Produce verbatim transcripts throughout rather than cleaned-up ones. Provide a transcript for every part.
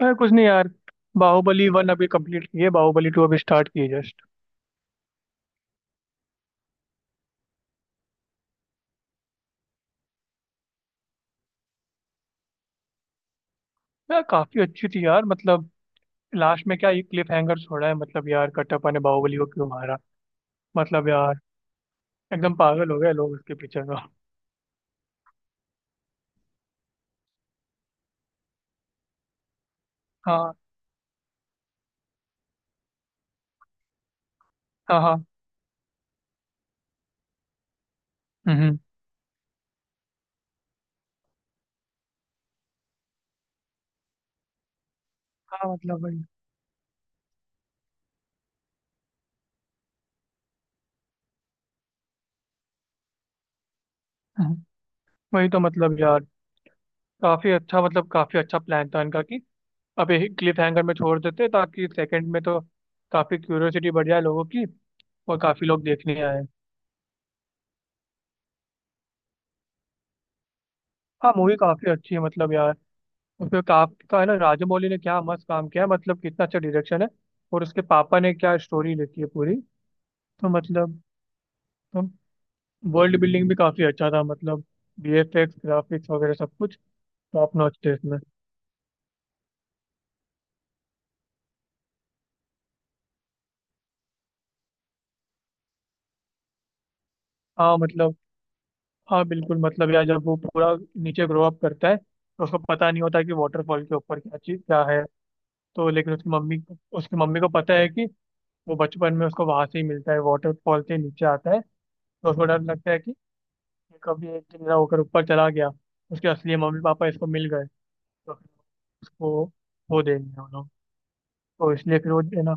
अरे कुछ नहीं यार। बाहुबली वन अभी कंप्लीट की है। बाहुबली टू अभी स्टार्ट की है जस्ट। यार काफी अच्छी थी यार, मतलब लास्ट में क्या ये क्लिफ हैंगर छोड़ा है, मतलब यार कटप्पा ने बाहुबली को क्यों मारा। मतलब यार एकदम पागल हो गए लोग उसके पीछे तो। हाँ हाँ हाँ। हम्म। हाँ मतलब वही। हम्म, वही तो मतलब यार, काफी अच्छा, मतलब काफी अच्छा प्लान था इनका कि अब क्लिफ हैंगर में छोड़ देते ताकि सेकंड में तो काफी क्यूरियोसिटी बढ़ जाए लोगों की, और काफी लोग देखने आए। हाँ मूवी काफी अच्छी है, मतलब यार उसमें काफी का है ना, राजमौली ने क्या मस्त काम किया है, मतलब कितना अच्छा डायरेक्शन है। और उसके पापा ने क्या स्टोरी लिखी है पूरी। तो मतलब, तो वर्ल्ड बिल्डिंग भी काफी अच्छा था, मतलब वीएफएक्स ग्राफिक्स वगैरह सब कुछ टॉप नॉच थे इसमें। हाँ मतलब, हाँ बिल्कुल, मतलब यार जब वो पूरा नीचे ग्रो अप करता है तो उसको पता नहीं होता कि वाटरफॉल के ऊपर क्या चीज क्या है। तो लेकिन उसकी मम्मी, उसकी मम्मी को पता है कि वो बचपन में उसको वहां से ही मिलता है, वाटरफॉल से नीचे आता है। तो उसको डर लगता है कि कभी एक दिन ना होकर ऊपर चला गया, उसके असली मम्मी पापा इसको मिल गए तो फिर उसको वो देंगे वो लोग, तो इसलिए फिर वो है ना।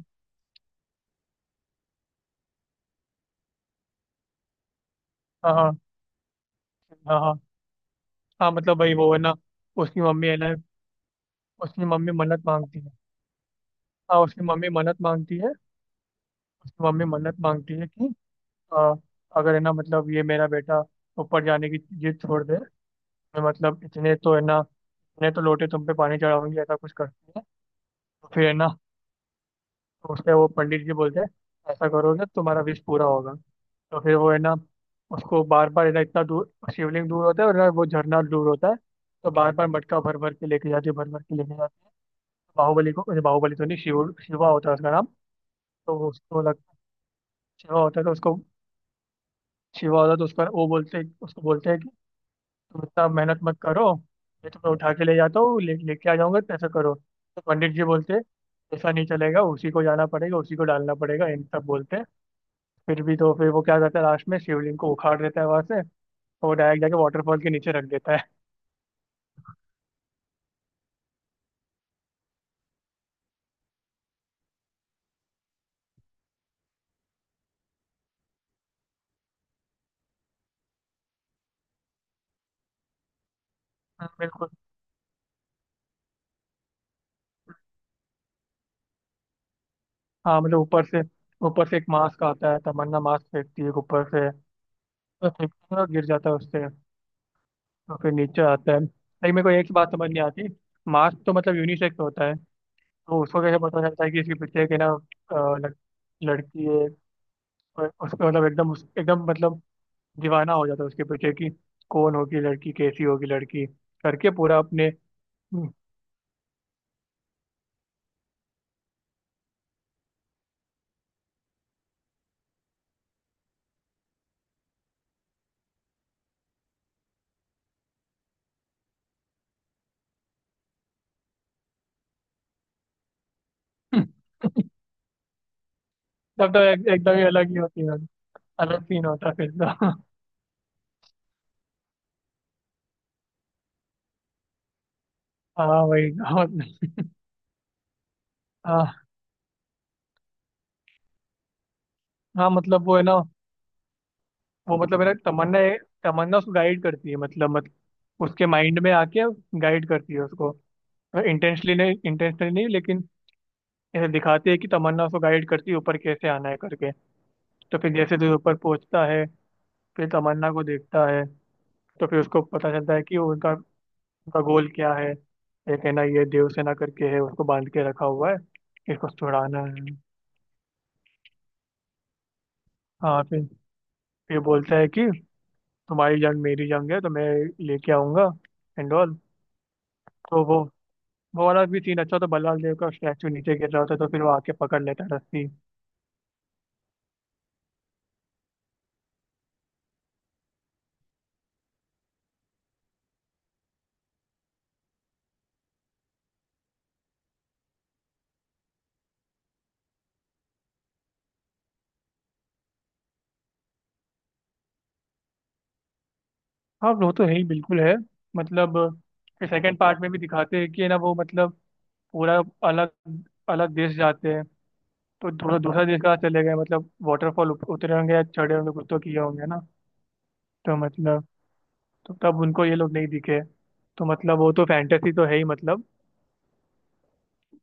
हाँ हाँ हाँ हाँ। हाँ, मतलब भाई वो है ना, उसकी मम्मी है ना, उसकी मम्मी मन्नत मांगती है। हाँ उसकी मम्मी मन्नत मांगती है, उसकी मम्मी मन्नत मांगती है कि आ, अगर है ना, मतलब ये मेरा बेटा ऊपर जाने की जिद छोड़ दे, मैं मतलब इतने तो है ना, इतने तो लोटे तुम पे पानी चढ़ाऊंगी, ऐसा कुछ करती है। तो फिर है ना, तो उससे वो पंडित जी बोलते हैं, ऐसा करोगे तो तुम्हारा विश पूरा होगा। तो फिर वो है ना, उसको बार बार है ना, इतना दूर शिवलिंग दूर होता है और ना वो झरना दूर होता है, तो बार बार मटका भर भर के लेके जाती है, भर भर के लेके जाती है बाहुबली को। अरे बाहुबली तो नहीं, शिव शिवा होता है उसका नाम। तो वो उसको लगता है, शिवा होता है तो उसको, शिवा होता है तो उसका, वो बोलते उसको बोलते हैं कि तुम इतना मेहनत मत करो, मैं तुम्हें उठा के ले जाता हूँ, ले लेके आ जाऊंगा तो ऐसा करो। तो पंडित जी बोलते हैं, ऐसा नहीं चलेगा, उसी को जाना पड़ेगा, उसी को डालना पड़ेगा, इन सब बोलते हैं। फिर भी तो, फिर वो क्या करता है, लास्ट में शिवलिंग को उखाड़ देता है वहां से, और वो डायरेक्ट जाके वाटरफॉल के नीचे रख देता है। हाँ, बिल्कुल। हाँ मतलब ऊपर से, ऊपर से एक मास्क आता है, तमन्ना मास्क फेंकती है ऊपर से, तो फेंकती है और गिर जाता है उससे। तो फिर नीचे आता है, लेकिन मेरे को एक बात समझ नहीं आती, मास्क तो मतलब यूनिसेक्स होता है, तो उसको कैसे पता चलता है कि इसके पीछे के ना, अ, लड़- लड़की है। और उसको, मतलब एकदम उस- एकदम, मतलब दीवाना हो जाता है उसके पीछे की, कौन होगी लड़की, कैसी होगी लड़की, करके पूरा अपने। तब तो एक, एकदम ही अलग ही होती है, अलग सीन होता है फिर तो। हाँ वही हाँ। हाँ हाँ, मतलब वो है ना, वो मतलब है ना तमन्ना, तमन्ना उसको गाइड करती है, मतलब मत, उसके माइंड में आके गाइड करती है उसको। इंटेंशनली नहीं, इंटेंशनली नहीं, लेकिन ऐसे दिखाती है कि तमन्ना उसको गाइड करती है ऊपर कैसे आना है करके। तो फिर जैसे जैसे ऊपर पहुंचता है, फिर तमन्ना को देखता है, तो फिर उसको पता चलता है कि वो उनका उनका गोल क्या है। एक है ना ये देवसेना करके है, उसको बांध के रखा हुआ है, इसको छुड़ाना है। हाँ फिर ये बोलता है कि तुम्हारी जंग मेरी जंग है, तो मैं लेके आऊंगा, एंड ऑल। तो वो वो वाला भी सीन अच्छा, तो बल्लाल देव का स्टैचू नीचे गिर रहा होता है तो फिर वो आके पकड़ लेता है रस्सी। हाँ वो तो है ही, बिल्कुल है, मतलब सेकंड पार्ट में भी दिखाते हैं कि है ना, वो मतलब पूरा अलग, अलग देश जाते हैं। तो थोड़ा दूसरा देश का चले गए, मतलब वाटरफॉल उतरे होंगे या चढ़े होंगे, कुछ तो किए होंगे ना। तो मतलब, तो तब उनको ये लोग नहीं दिखे। तो मतलब वो तो फैंटेसी तो है ही, मतलब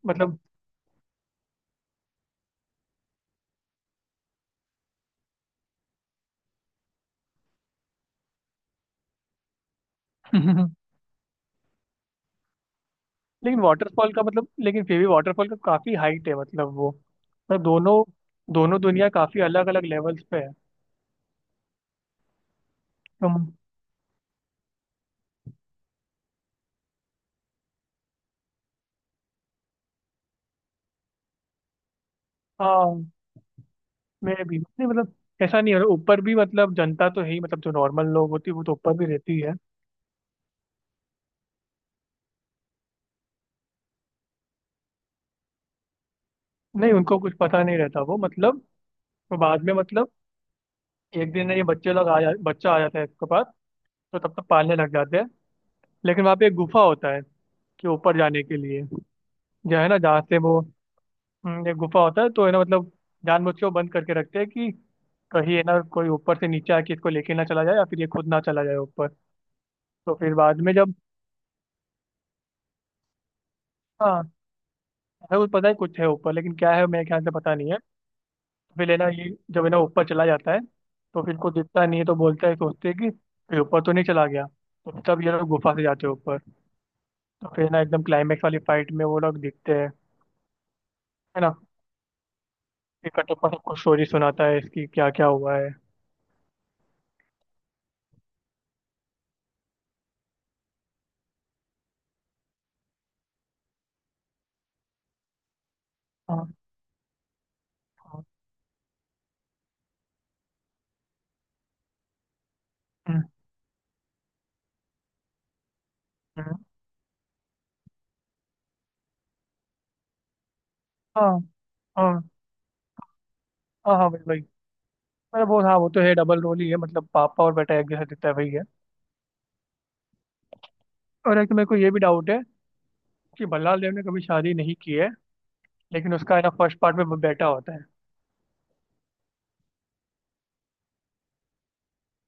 मतलब। लेकिन वाटरफॉल का मतलब, लेकिन फिर भी वाटरफॉल का काफी हाइट है, मतलब वो मतलब दोनों दोनों दुनिया काफी अलग अलग लेवल्स पे है। तुम, हाँ मैं भी नहीं, मतलब ऐसा नहीं है ऊपर भी, मतलब जनता तो है ही, मतलब जो नॉर्मल लोग होती है वो तो ऊपर भी रहती है। नहीं उनको कुछ पता नहीं रहता, वो मतलब वो बाद में, मतलब एक दिन ये बच्चे लोग आ जा, बच्चा आ जाता है इसके पास, तो तब तक पालने लग जाते हैं। लेकिन वहाँ पे एक गुफा होता है कि ऊपर जाने के लिए, जो है ना जहाँ से वो, हम्म, एक गुफा होता है, तो है ना मतलब जानबूझ के वो बंद करके रखते हैं कि कहीं है ना कोई ऊपर से नीचे आके इसको लेके ना चला जाए, या फिर ये खुद ना चला जाए ऊपर। तो फिर बाद में जब, हाँ है वो पता है कुछ है ऊपर, लेकिन क्या है मेरे ख्याल से पता नहीं है। फिर है ना ये, जब है ना ऊपर चला जाता है, तो फिर को दिखता नहीं है, तो बोलता है, सोचते हैं कि फिर ऊपर तो नहीं चला गया, तो तब ये लोग गुफा से जाते हैं ऊपर। तो फिर ना एकदम क्लाइमेक्स वाली फाइट में वो लोग दिखते हैं, है ना। फिर कटप्पा सबको स्टोरी सुनाता है इसकी, क्या क्या हुआ है। हाँ हाँ। हम्म, हम्म, हाँ हाँ हाँ हाँ भाई भाई। मतलब वो हाँ, वो तो है डबल रोल ही है, मतलब पापा और बेटा एक जैसा दिखता है, वही है। और एक तो मेरे को ये भी डाउट है कि भल्लाल देव ने कभी शादी नहीं की है, लेकिन उसका है ना फर्स्ट पार्ट में वो बेटा होता है।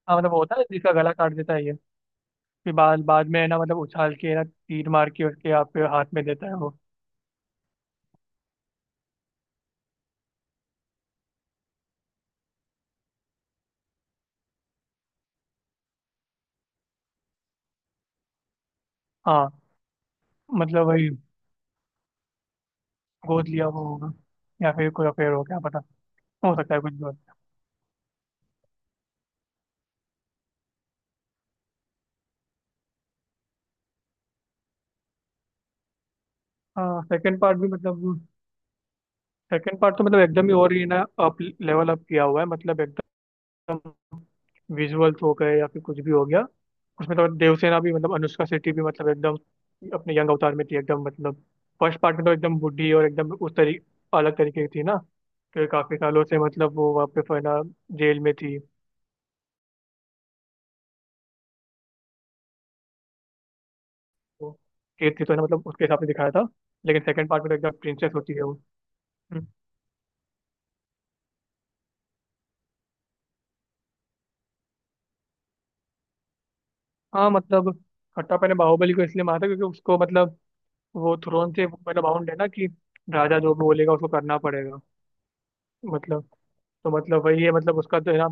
हाँ मतलब वो होता है जिसका गला काट देता है ये, फिर बाद बाद में है ना, मतलब उछाल के है ना तीर मार के उसके आप हाथ में देता है वो। हाँ मतलब वही, गोद लिया वो होगा, या फिर कोई अफेयर हो, क्या पता, हो सकता है, कुछ भी हो। हाँ सेकंड पार्ट भी मतलब, सेकंड पार्ट तो मतलब एकदम ही और ही ना, अप लेवल अप किया हुआ है, मतलब एकदम विजुअल्स हो गए या फिर कुछ भी हो गया। उसमें तो देवसेना भी मतलब अनुष्का शेट्टी भी, मतलब एकदम अपने यंग अवतार में थी एकदम, मतलब फर्स्ट पार्ट में तो एकदम बूढ़ी और एकदम उस तरी, अलग तरीके की थी ना, फिर काफी सालों से मतलब वो वहाँ पे फिर ना जेल में थी, तो केस थी तो ना, मतलब उसके हिसाब से दिखाया था। लेकिन सेकंड पार्ट में तो एकदम प्रिंसेस होती है वो। हम्म। हाँ मतलब खट्टापन ने बाहुबली को इसलिए मारा था, क्योंकि उसको मतलब वो थ्रोन से मतलब बाउंड है ना कि राजा जो भी बोलेगा उसको करना पड़ेगा। मतलब तो मतलब वही है, मतलब उसका तो है ना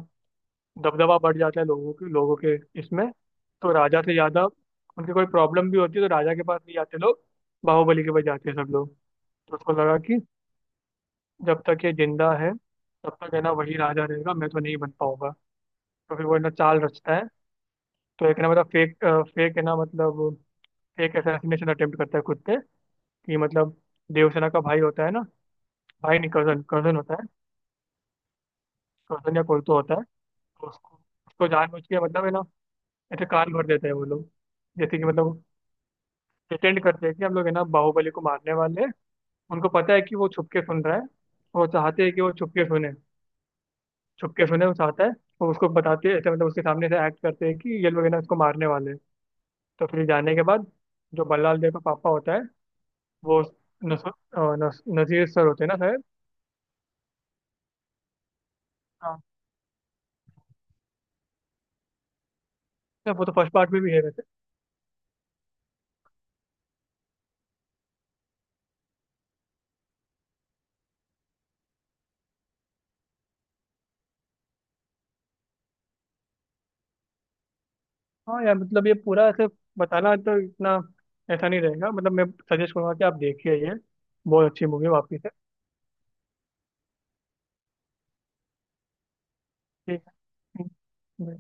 दबदबा बढ़ जाता है, लोगों के लोगों के इसमें। तो राजा से ज्यादा उनकी कोई प्रॉब्लम भी होती है तो राजा के पास नहीं जाते लोग, बाहुबली के पास जाते हैं सब लोग। तो उसको लगा कि जब तक ये जिंदा है तब तक है ना वही राजा रहेगा, मैं तो नहीं बन पाऊंगा। तो फिर वो है ना चाल रचता है। तो एक है ना मतलब फेक, फेक है ना मतलब फेक असैसिनेशन अटेम्प्ट करता है खुद पे कि मतलब, देवसेना का भाई होता है ना, भाई नहीं कजन, कजन होता है, कजन या कोई तो होता है। तो उसको उसको जानबूझ के मतलब है ना ऐसे कान भर देते हैं वो लोग, जैसे कि मतलब pretend करते हैं कि हम लोग है ना बाहुबली को मारने वाले हैं। उनको पता है कि वो छुप के सुन रहा है, वो चाहते हैं कि वो छुप के सुने, छुप के सुने वो चाहता है। वो उसको बताते हैं ऐसे मतलब उसके सामने से एक्ट करते हैं कि ये लोग है ना उसको मारने वाले हैं। तो फिर जाने के बाद जो बल्लाल देव का पापा होता है वो, नस, अ, नस, नजीर सर होते हैं ना शायद। हाँ तो वो तो फर्स्ट पार्ट में भी है वैसे। हाँ यार मतलब ये पूरा ऐसे बताना तो इतना ऐसा नहीं रहेगा, मतलब मैं सजेस्ट करूंगा कि आप देखिए ये, बहुत अच्छी मूवी वापस है। ठीक है।